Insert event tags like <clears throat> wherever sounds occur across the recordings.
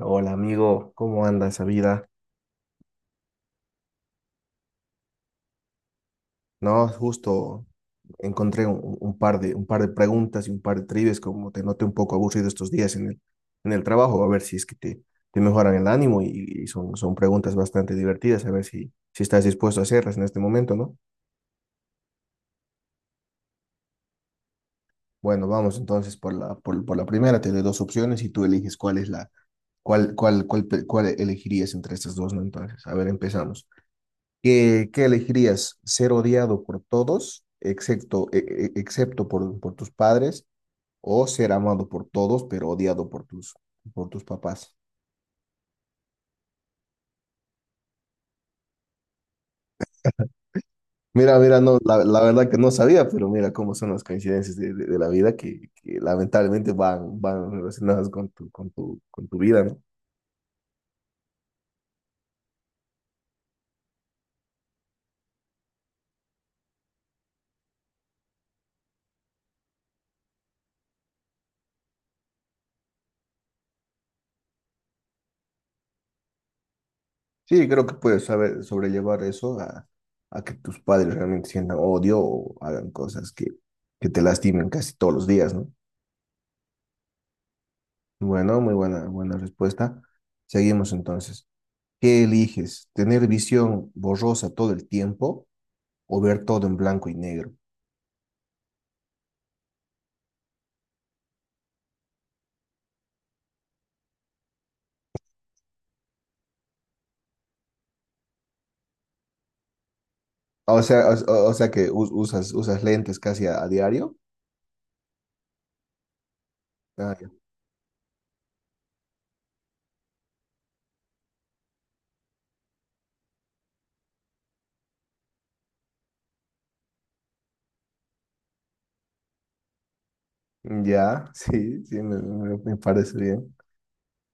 Hola amigo, ¿cómo anda esa vida? No, justo encontré un par de preguntas y un par de trivias, como te noté un poco aburrido estos días en el trabajo, a ver si es que te mejoran el ánimo y son preguntas bastante divertidas, a ver si estás dispuesto a hacerlas en este momento, ¿no? Bueno, vamos entonces por la primera, te doy dos opciones y tú eliges cuál es la, cuál, cuál, cuál, pe- cuál elegirías entre estas dos, ¿no? Entonces, a ver, empezamos. Qué elegirías? ¿Ser odiado por todos, excepto, excepto por tus padres, o ser amado por todos, pero odiado por por tus papás? Mira, no, la verdad que no sabía, pero mira cómo son las coincidencias de la vida que lamentablemente van relacionadas con con tu vida, ¿no? Sí, creo que puedes saber sobrellevar eso a que tus padres realmente sientan odio o hagan cosas que te lastimen casi todos los días, ¿no? Bueno, buena respuesta. Seguimos entonces. ¿Qué eliges? ¿Tener visión borrosa todo el tiempo o ver todo en blanco y negro? O sea que usas usas lentes casi a diario. Ah, ya. <laughs> Ya, sí, me parece bien.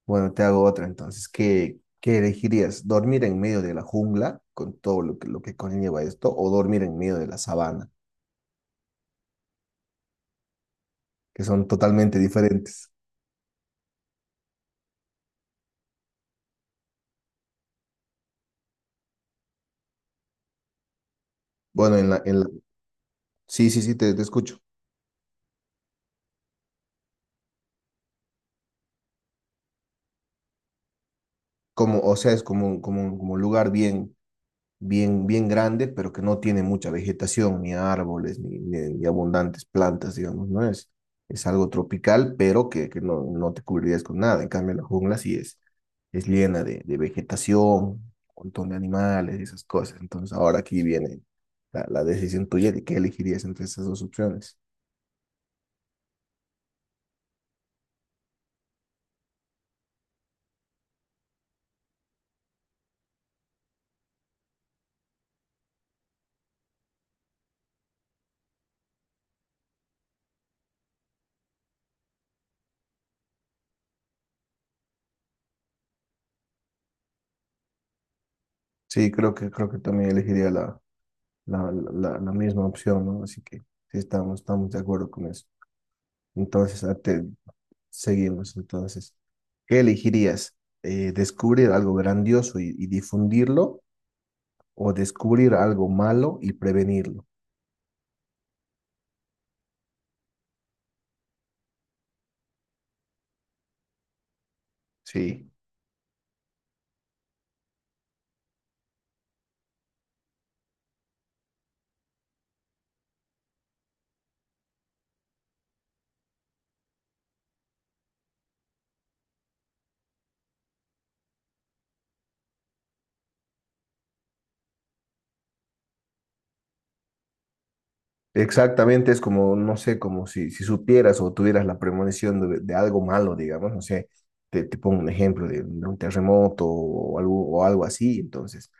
Bueno, te hago otra entonces. Qué elegirías? ¿Dormir en medio de la jungla con todo lo lo que conlleva esto o dormir en medio de la sabana, que son totalmente diferentes? Bueno, en la... Sí, sí, sí, te escucho. Como, o sea, es como, como un lugar bien grande, pero que no tiene mucha vegetación, ni árboles, ni abundantes plantas, digamos, ¿no? Es algo tropical, pero que no, no te cubrirías con nada. En cambio, la jungla sí es llena de vegetación, un montón de animales y esas cosas. Entonces, ahora aquí viene la decisión tuya de qué elegirías entre esas dos opciones. Sí, creo que también elegiría la misma opción, ¿no? Así que sí, estamos de acuerdo con eso. Entonces, seguimos. Entonces, ¿qué elegirías? ¿descubrir algo grandioso y difundirlo o descubrir algo malo y prevenirlo? Sí. Exactamente, es como, no sé, como si supieras o tuvieras la premonición de algo malo, digamos, no sé, te pongo un ejemplo de un terremoto o algo así, entonces,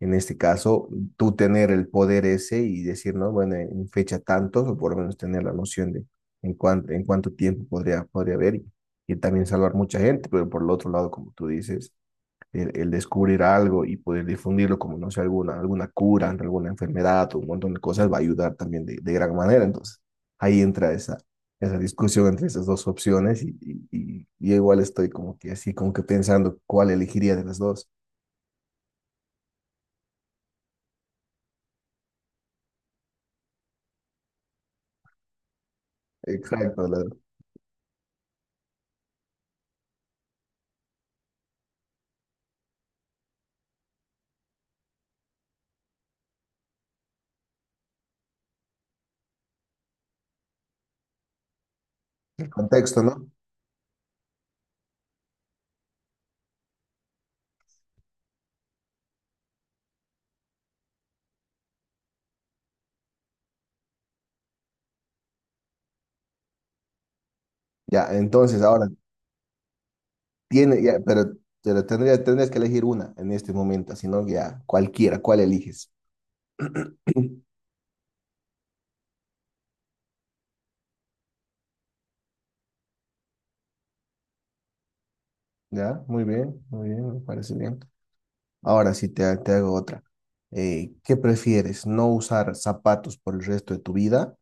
en este caso, tú tener el poder ese y decir, no, bueno, en fecha tantos, o por lo menos tener la noción de en cuánto tiempo podría haber y también salvar mucha gente, pero por el otro lado, como tú dices, el descubrir algo y poder difundirlo como, no sé, alguna cura ante alguna enfermedad o un montón de cosas va a ayudar también de gran manera. Entonces, ahí entra esa discusión entre esas dos opciones y igual estoy como que así, como que pensando cuál elegiría de las dos. Exacto, el contexto, ¿no? Ya, entonces ahora tiene, ya, pero, tendrías que elegir una en este momento, si no, ya cualquiera, ¿cuál eliges? <clears throat> Ya, muy bien, me parece bien. Ahora sí te hago otra. ¿Qué prefieres? ¿No usar zapatos por el resto de tu vida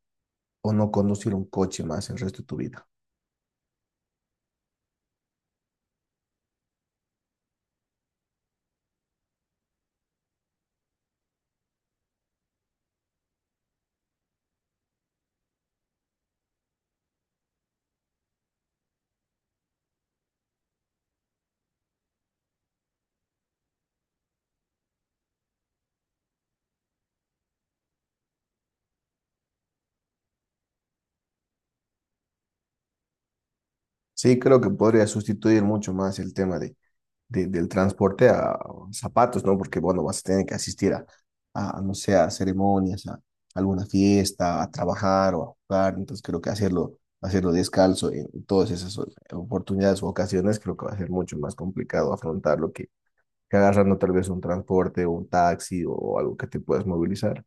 o no conducir un coche más el resto de tu vida? Sí, creo que podría sustituir mucho más el tema del transporte a zapatos, ¿no? Porque, bueno, vas a tener que asistir a, no sé, a ceremonias, a alguna fiesta, a trabajar o a jugar. Entonces, creo que hacerlo descalzo en todas esas oportunidades o ocasiones, creo que va a ser mucho más complicado afrontarlo que agarrando tal vez un transporte o un taxi o algo que te puedas movilizar.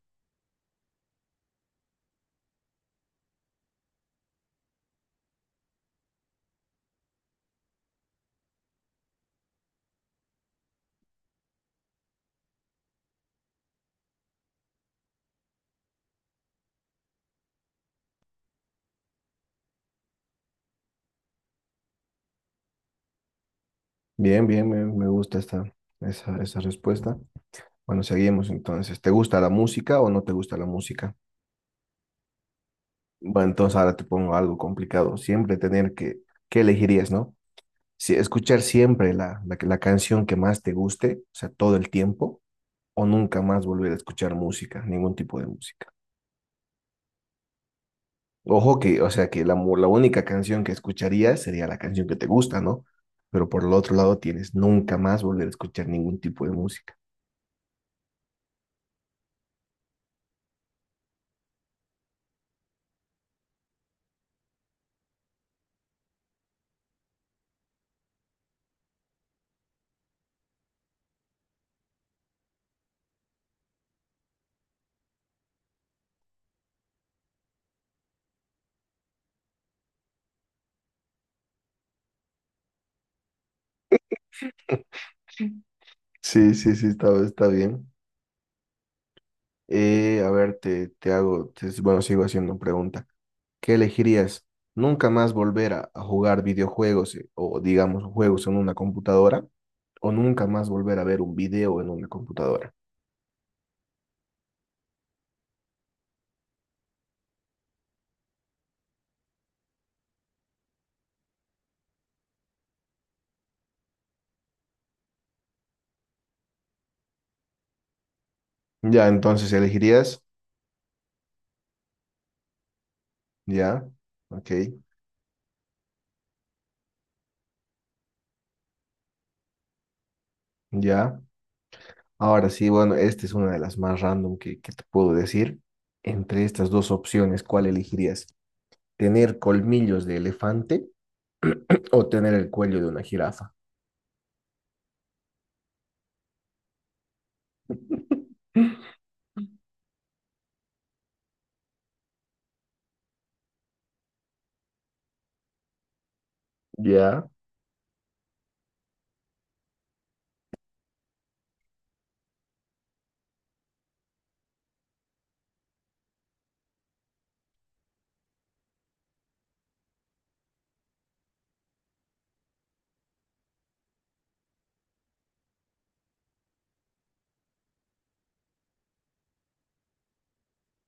Bien, bien, me gusta esa respuesta. Bueno, seguimos entonces. ¿Te gusta la música o no te gusta la música? Bueno, entonces ahora te pongo algo complicado. Siempre tener que, ¿qué elegirías, no? Si escuchar siempre la canción que más te guste, o sea, todo el tiempo, o nunca más volver a escuchar música, ningún tipo de música. Ojo que, o sea, que la única canción que escucharías sería la canción que te gusta, ¿no? Pero por el otro lado tienes nunca más volver a escuchar ningún tipo de música. Sí, sí, sí, sí, está, está bien. A ver, bueno, sigo haciendo pregunta. ¿Qué elegirías? ¿Nunca más volver a jugar videojuegos o, digamos, juegos en una computadora? ¿O nunca más volver a ver un video en una computadora? Ya, entonces elegirías, ya, ok, ya. Ahora sí, bueno, esta es una de las más random que te puedo decir. Entre estas dos opciones, ¿cuál elegirías? ¿Tener colmillos de elefante <clears throat> o tener el cuello de una jirafa? Ya.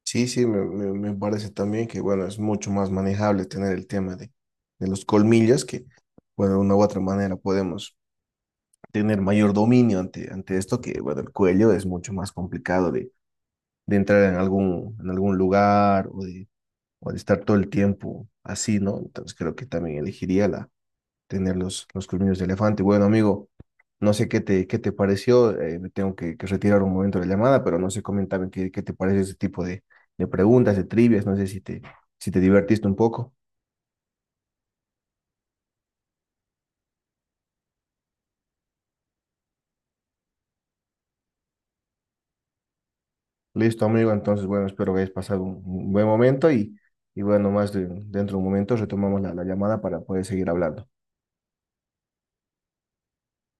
Sí, sí, me parece también que, bueno, es mucho más manejable tener el tema de los colmillos, que, bueno, de una u otra manera podemos tener mayor dominio ante, ante esto, que, bueno, el cuello es mucho más complicado de entrar en algún lugar o de estar todo el tiempo así, ¿no? Entonces creo que también elegiría la, tener los colmillos de elefante. Bueno, amigo, no sé qué te pareció, me tengo que retirar un momento de la llamada, pero no sé, coméntame qué te parece ese tipo de preguntas, de trivias, no sé si si te divertiste un poco. Listo, amigo, entonces, bueno, espero que hayas pasado un buen momento y bueno, dentro de un momento retomamos la llamada para poder seguir hablando.